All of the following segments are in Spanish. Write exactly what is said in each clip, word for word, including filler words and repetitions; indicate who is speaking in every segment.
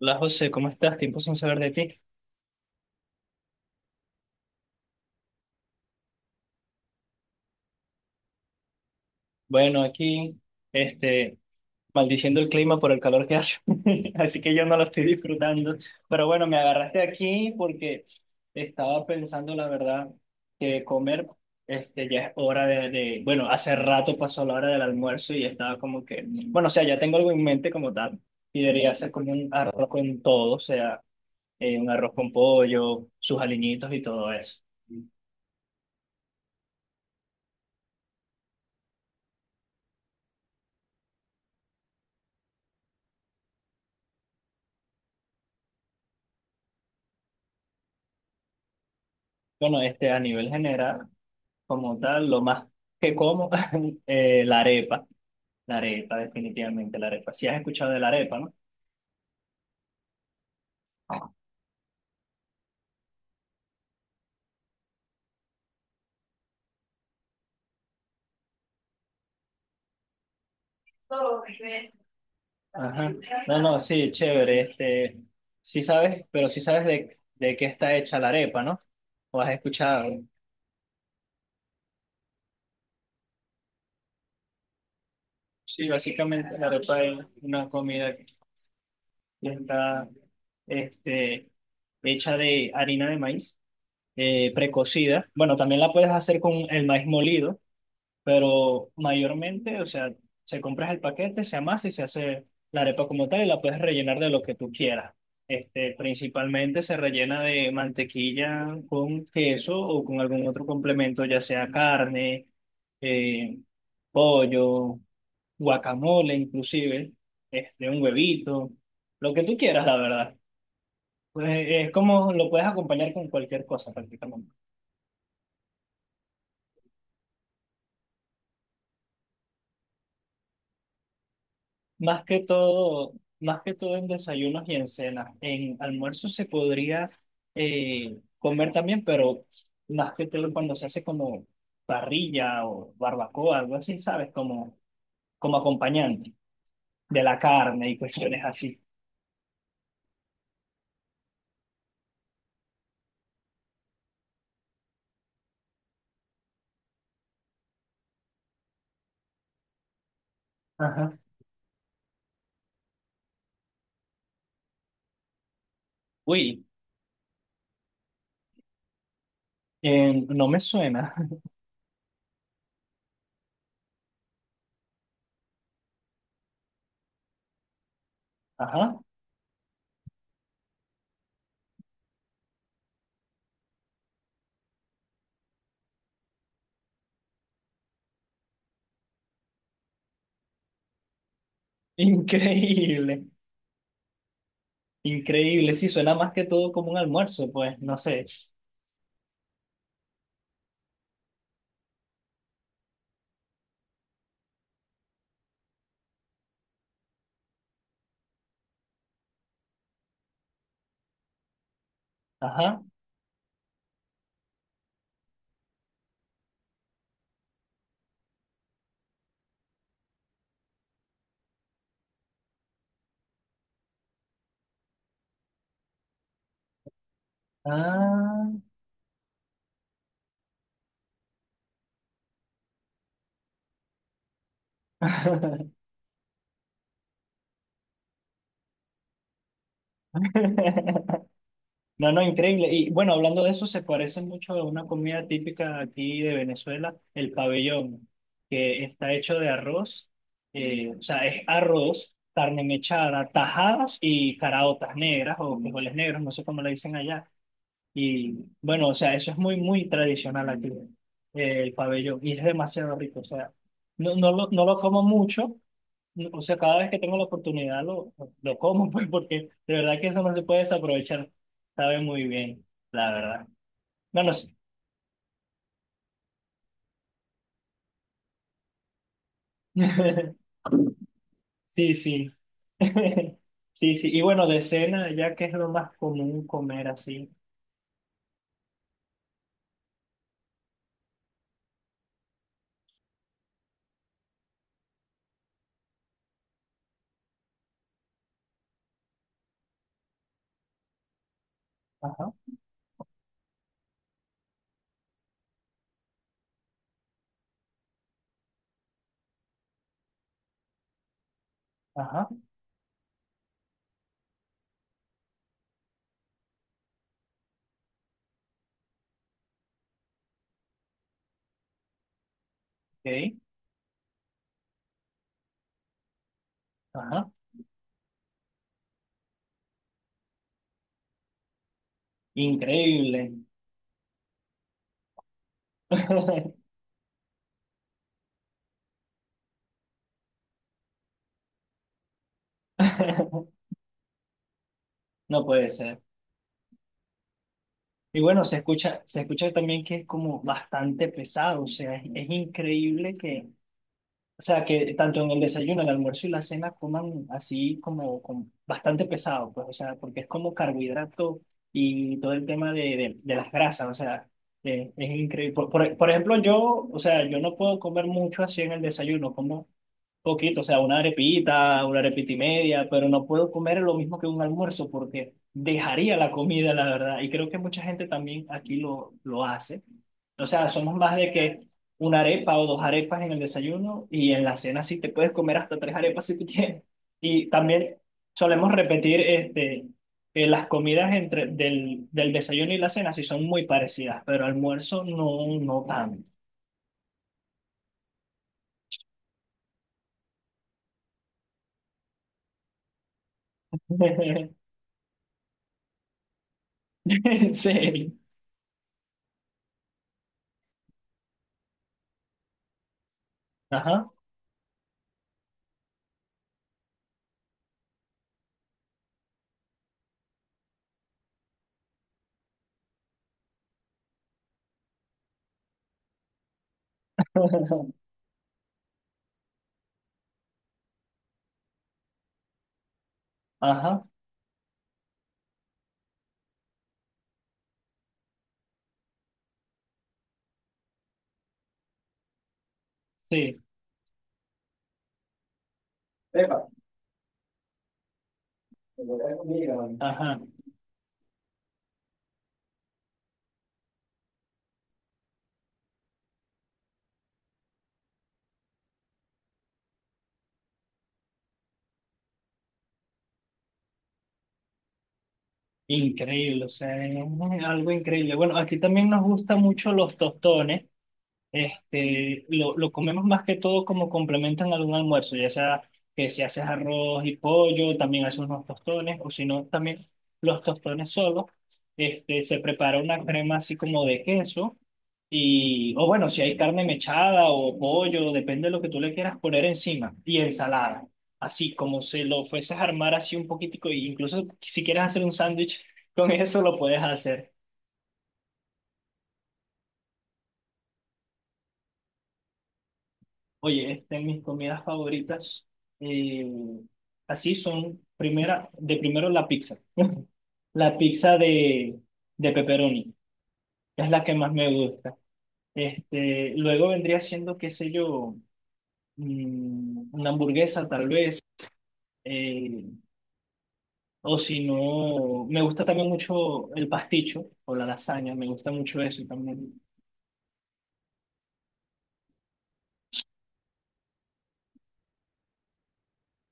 Speaker 1: Hola José, ¿cómo estás? Tiempo sin saber de ti. Bueno, aquí, este, maldiciendo el clima por el calor que hace, así que yo no lo estoy disfrutando. Pero bueno, me agarraste aquí porque estaba pensando, la verdad, que comer, este, ya es hora de, de- bueno, hace rato pasó la hora del almuerzo y estaba como que, bueno, o sea, ya tengo algo en mente como tal y debería ser como un arroz con todo, o sea, eh, un arroz con pollo, sus aliñitos y todo eso. Bueno, este, a nivel general. Como tal, lo más que como, eh, la arepa, la arepa, definitivamente la arepa. Si has escuchado de la arepa, ¿no? Ajá. No, no, sí, chévere. Este, sí sabes, pero sí sabes de, de qué está hecha la arepa, ¿no? ¿O has escuchado? Sí, básicamente la arepa es una comida que está, este, hecha de harina de maíz eh, precocida. Bueno, también la puedes hacer con el maíz molido, pero mayormente, o sea, se compras el paquete, se amasa y se hace la arepa como tal y la puedes rellenar de lo que tú quieras. Este, principalmente se rellena de mantequilla con queso o con algún otro complemento, ya sea carne, eh, pollo, guacamole inclusive, este, un huevito, lo que tú quieras, la verdad. Pues es como lo puedes acompañar con cualquier cosa prácticamente. Más que todo, más que todo en desayunos y en cenas. En almuerzo se podría eh, comer también, pero más que todo cuando se hace como parrilla o barbacoa, algo así, ¿sabes? Como, como acompañante de la carne y cuestiones así. Ajá. Uy, eh, no me suena. Ajá. Increíble. Increíble. Sí, suena más que todo como un almuerzo, pues, no sé. Ajá. Ah. No, no, increíble. Y bueno, hablando de eso, se parece mucho a una comida típica aquí de Venezuela, el pabellón, que está hecho de arroz, eh, o sea, es arroz, carne mechada, tajadas y caraotas negras o frijoles negros, no sé cómo le dicen allá. Y bueno, o sea, eso es muy, muy tradicional aquí, eh, el pabellón, y es demasiado rico, o sea, no, no lo, no lo como mucho, o sea, cada vez que tengo la oportunidad lo, lo como, pues, porque de verdad que eso no se puede desaprovechar. Sabe muy bien, la verdad. No, no sé. Sí, sí. Sí, sí. Y bueno, de cena, ya que es lo más común comer así. Ajá, ajá, ok, ajá. Increíble. No puede ser. Y bueno, se escucha, se escucha también que es como bastante pesado, o sea, es, es increíble que, o sea, que tanto en el desayuno, el almuerzo y la cena coman así como, como bastante pesado, pues, o sea, porque es como carbohidrato y todo el tema de, de, de las grasas, o sea, eh, es increíble. Por, por, por ejemplo, yo, o sea, yo no puedo comer mucho así en el desayuno, como poquito, o sea, una arepita, una arepita y media, pero no puedo comer lo mismo que un almuerzo porque dejaría la comida, la verdad. Y creo que mucha gente también aquí lo, lo hace. O sea, somos más de que una arepa o dos arepas en el desayuno y en la cena sí te puedes comer hasta tres arepas si tú quieres. Y también solemos repetir este, que las comidas entre, del, del desayuno y la cena sí son muy parecidas, pero almuerzo no, no tanto. En serio. Ajá. Ajá, sí, Pepa, te voy a comer, ¿no? Ajá. Increíble, o sea, es algo increíble. Bueno, aquí también nos gustan mucho los tostones. Este, lo, lo comemos más que todo como complemento en algún almuerzo, ya sea que si haces arroz y pollo, también haces unos tostones, o si no, también los tostones solos. Este, se prepara una crema así como de queso, y, o bueno, si hay carne mechada o pollo, depende de lo que tú le quieras poner encima, y ensalada. Así como se lo fueses a armar así un poquitico, e incluso si quieres hacer un sándwich con eso, lo puedes hacer. Oye, este, mis comidas favoritas, eh, así son, primera, de primero la pizza. La pizza de, de pepperoni, es la que más me gusta. Este, luego vendría siendo, qué sé yo, mm, una hamburguesa tal vez, eh, o si no, me gusta también mucho el pasticho o la lasaña, me gusta mucho eso también.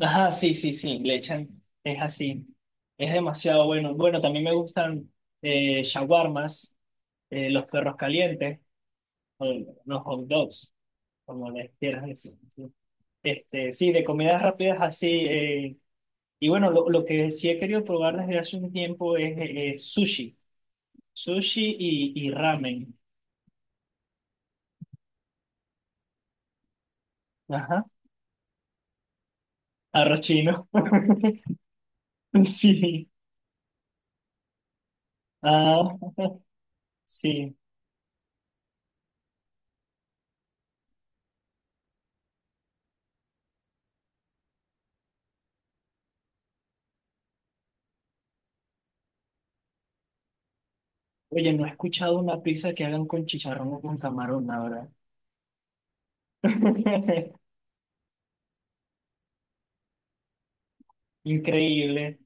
Speaker 1: Ajá, sí, sí, sí, le echan, es así, es demasiado bueno. Bueno, también me gustan eh, shawarmas, eh, los perros calientes, o los hot dogs, como les quieras decir. ¿Sí? Este, sí, de comidas rápidas así. Eh, y bueno, lo, lo que sí he querido probar desde hace un tiempo es eh, eh, sushi, sushi y, y ramen. Ajá, arroz chino. Sí, ah, sí. Oye, no he escuchado una pizza que hagan con chicharrón o con camarón, la verdad. Increíble.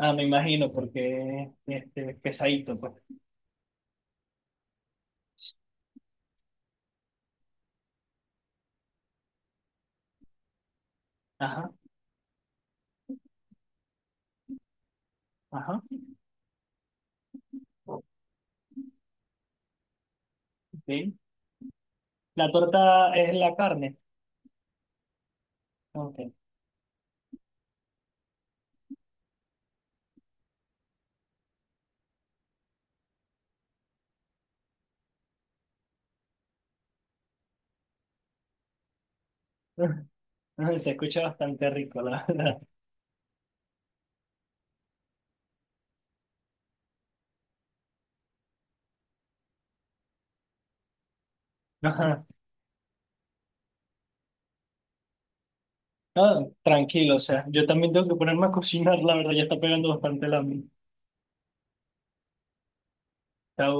Speaker 1: Ah, me imagino, porque este, pesadito, pues. Ajá, ajá. Bien. La torta es la carne. Ok. Se escucha bastante rico, la verdad. Ajá. No, tranquilo, o sea, yo también tengo que ponerme a cocinar, la verdad, ya está pegando bastante la hambre. Chao.